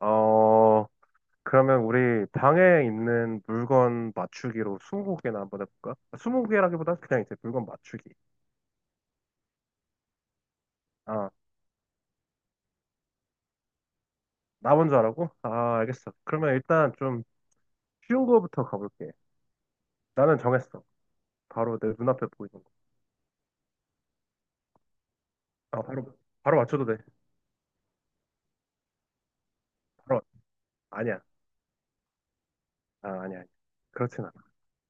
어, 그러면 우리 방에 있는 물건 맞추기로 20개나 한번 해볼까? 20개라기보다 그냥 이제 물건 맞추기. 아, 나 먼저 하라고? 아, 알겠어. 그러면 일단 좀 쉬운 거부터 가볼게. 나는 정했어. 바로 내 눈앞에 보이는 거. 아, 바로 맞춰도 돼. 바로, 맞- 아니야. 아, 아니야, 아니야. 그렇진 않아.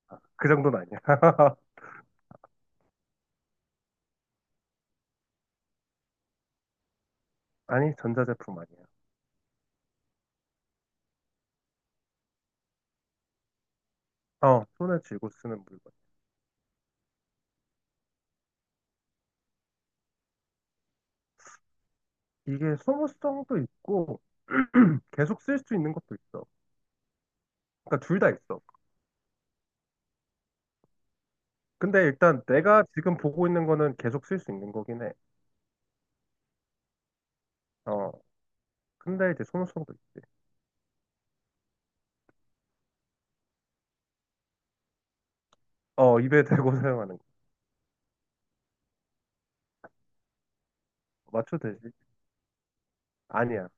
아, 그 정도는 아니야. 아니, 전자제품 아니야. 어, 손에 쥐고 쓰는 물건. 이게 소모성도 있고, 계속 쓸 수 있는 것도 있어. 그러니까 둘 다 있어. 근데 일단 내가 지금 보고 있는 거는 계속 쓸 수 있는 거긴 해. 어. 근데 이제 소모성도 있지. 어, 입에 대고 사용하는 거. 맞춰 되지? 아니야.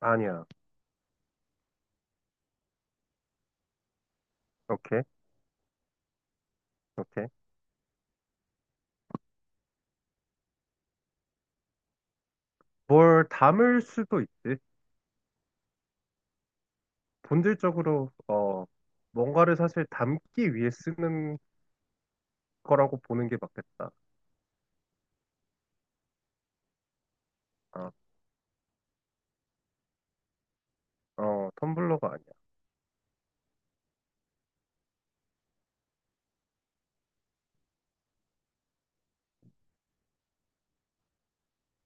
아니야. 오케이. 오케이. 뭘 담을 수도 있지. 본질적으로, 뭔가를 사실 담기 위해 쓰는 거라고 보는 게 맞겠다. 어, 텀블러가 아니야.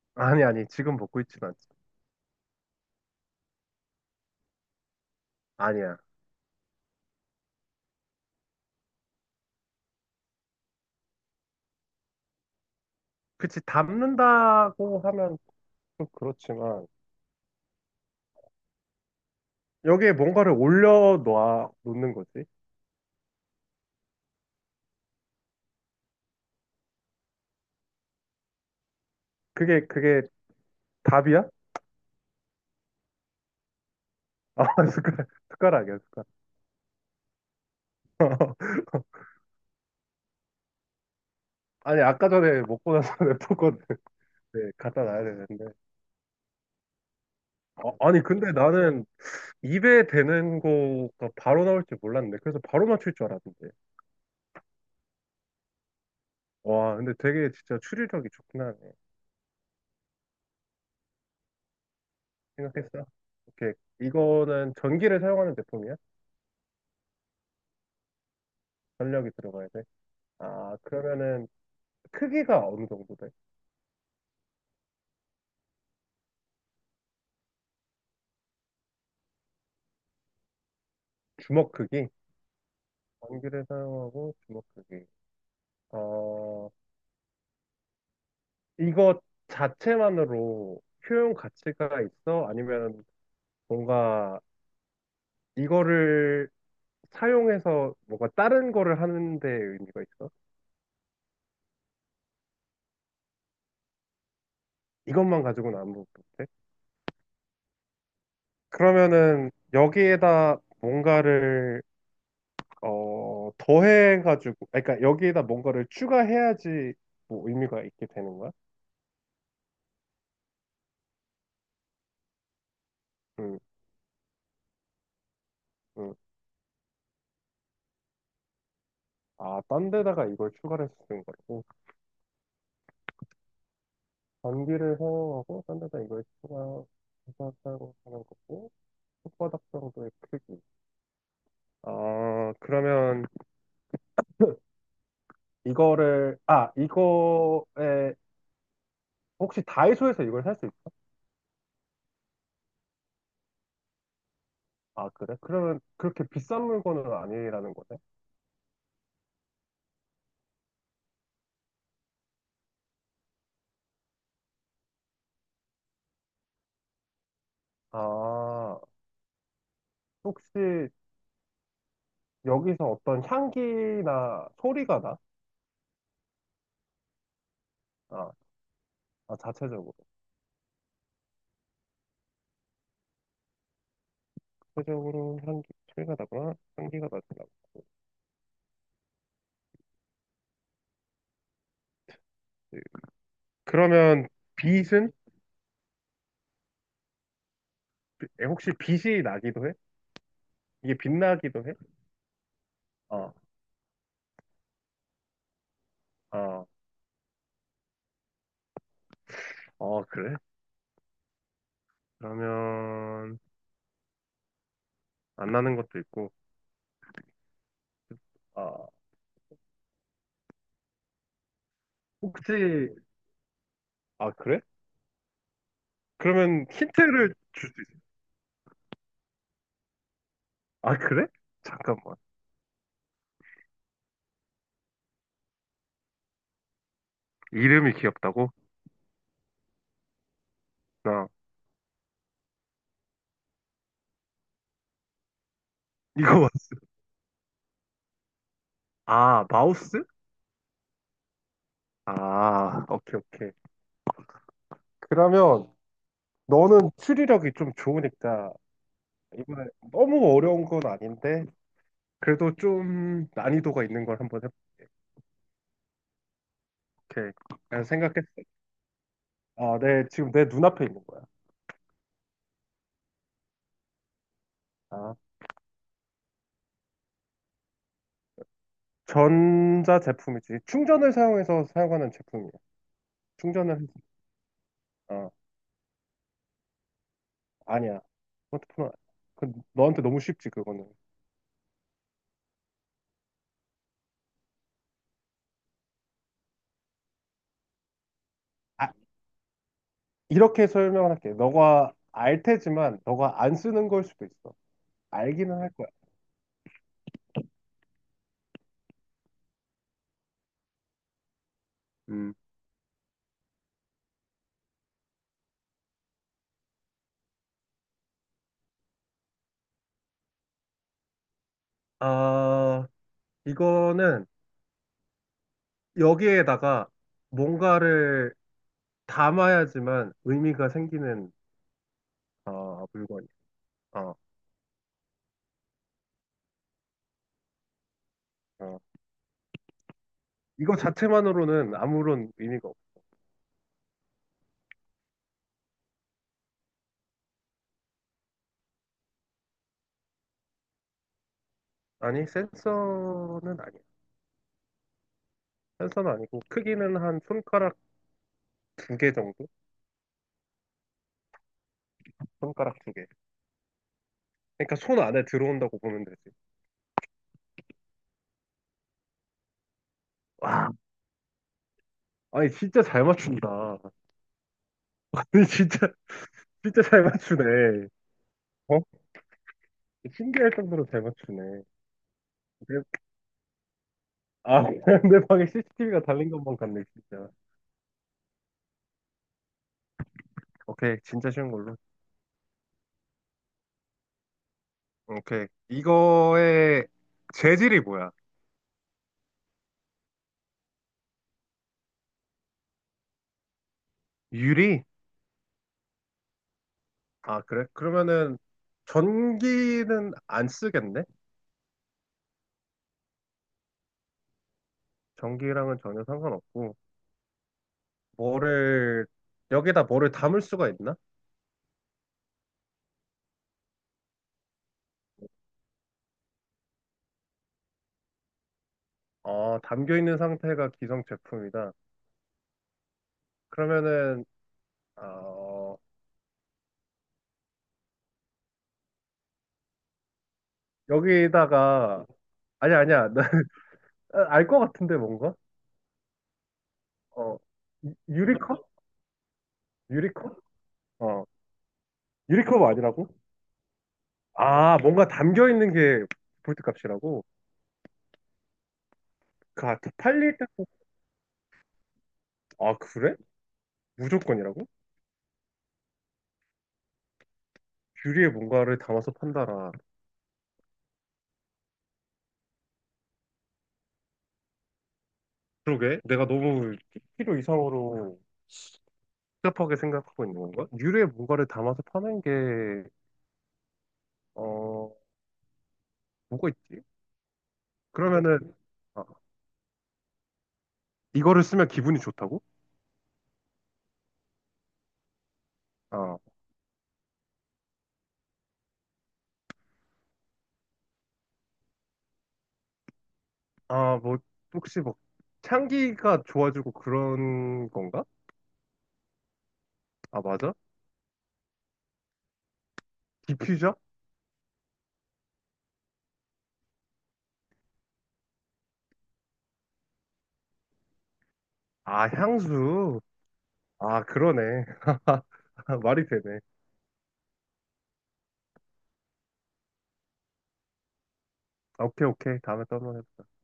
아니, 아니. 지금 먹고 있진 않지. 아니야. 그치. 담는다고 하면 좀 그렇지만, 여기에 뭔가를 올려 놓는 거지. 그게 답이야? 아, 숟가락, 숟가락이야, 숟가락. 아니, 아까 전에 먹고 나서 냅뒀거든. 네, 갖다 놔야 되는데. 아, 니 근데 나는 입에 대는 거가 바로 나올 줄 몰랐는데. 그래서 바로 맞출 줄 알았는데. 와, 근데 되게 진짜 추리력이 좋긴 하네. 생각했어? 오케이. 이거는 전기를 사용하는 제품이야? 전력이 들어가야 돼? 아, 그러면은 크기가 어느 정도 돼? 주먹 크기? 전기를 사용하고 주먹 크기. 어, 이거 자체만으로 효용 가치가 있어? 아니면 뭔가 이거를 사용해서 뭔가 다른 거를 하는 데 의미가 있어? 이것만 가지고는 아무것도 못해? 그러면은 여기에다 뭔가를 더해가지고, 아니, 그러니까 여기에다 뭔가를 추가해야지 뭐 의미가 있게 되는 거야? 응, 응. 아, 딴 데다가 이걸 추가를 해서 쓰는 거고 전기를 사용하고 딴 데다 이걸 추가해서 사용하는 거고 손바닥 정도의 크기. 아, 그러면 이거를, 아, 이거에, 혹시 다이소에서 이걸 살 수 있, 아, 그래? 그러면 그렇게 비싼 물건은 아니라는 거네? 아, 혹시 여기서 어떤 향기나 소리가 나? 아, 아, 자체적으로. 자체적으로 향기, 소리가 나거나 향기가 나지 않고. 네. 그러면 빛은? 혹시 빛이 나기도 해? 이게 빛나기도 해? 아, 아, 어, 그래? 그러면, 안 나는 것도 있고. 아, 혹시, 아, 그래? 그러면 힌트를 줄 수 있어. 아, 그래? 잠깐만. 이름이 귀엽다고? 나 이거 아, 왔어. 아, 마우스? 아, 오케이, 오케이. 그러면 너는 추리력이 좀 좋으니까 이번에 너무 어려운 건 아닌데 그래도 좀 난이도가 있는 걸 한번 해볼게. 오케이. 그냥 생각했어. 아, 네. 지금 내 눈앞에 있는 거야. 아, 전자 제품이지. 충전을 사용해서 사용하는 제품이야. 충전을 해서. 어. 아니야. 스마트폰은 그 너한테 너무 쉽지 그거는. 아, 이렇게 설명을 할게. 너가 알 테지만 너가 안 쓰는 걸 수도 있어. 알기는 할 거야. 음, 아, 이거는 여기에다가 뭔가를 담아야지만 의미가 생기는 물건이야. 어, 어. 이거 자체만으로는 아무런 의미가 없어. 아니, 센서는 아니야. 센서는 아니고 크기는 한 손가락 두 개 정도? 손가락 두 개. 그러니까 손 안에 들어온다고 보면 되지. 와, 아니, 진짜 잘 맞춘다. 아니, 진짜, 진짜 잘 맞추네. 어? 신기할 정도로 잘 맞추네. 그래- 아, 내 방에 CCTV가 달린 것만 같네, 진짜. 오케이, 진짜 쉬운 걸로. 오케이. 이거의 재질이 뭐야? 유리? 아, 그래? 그러면은 전기는 안 쓰겠네? 전기랑은 전혀 상관없고. 뭐를, 여기다 뭐를 담을 수가 있나? 어, 담겨 있는 상태가 기성 제품이다. 그러면은, 어, 여기다가 아니야 아니야 알 것 같은데 뭔가 어 유리컵 유리컵 어 유리컵 아니라고 아 뭔가 담겨 있는 게 볼트 값이라고 그 아, 그 팔릴 때 아 그래 무조건이라고 유리에 뭔가를 담아서 판다라 그러게 내가 너무 필요 이상으로 복잡하게 생각하고 있는 건가 유리에 뭔가를 담아서 파는 게 어 뭐가 있지 그러면은 아, 이거를 쓰면 기분이 좋다고 어. 아, 뭐, 혹시 뭐, 향기가 좋아지고 그런 건가? 아, 맞아? 디퓨저? 아, 향수. 아, 그러네. 말이 되네. 아, 오케이, 오케이. 다음에 또 한번 해자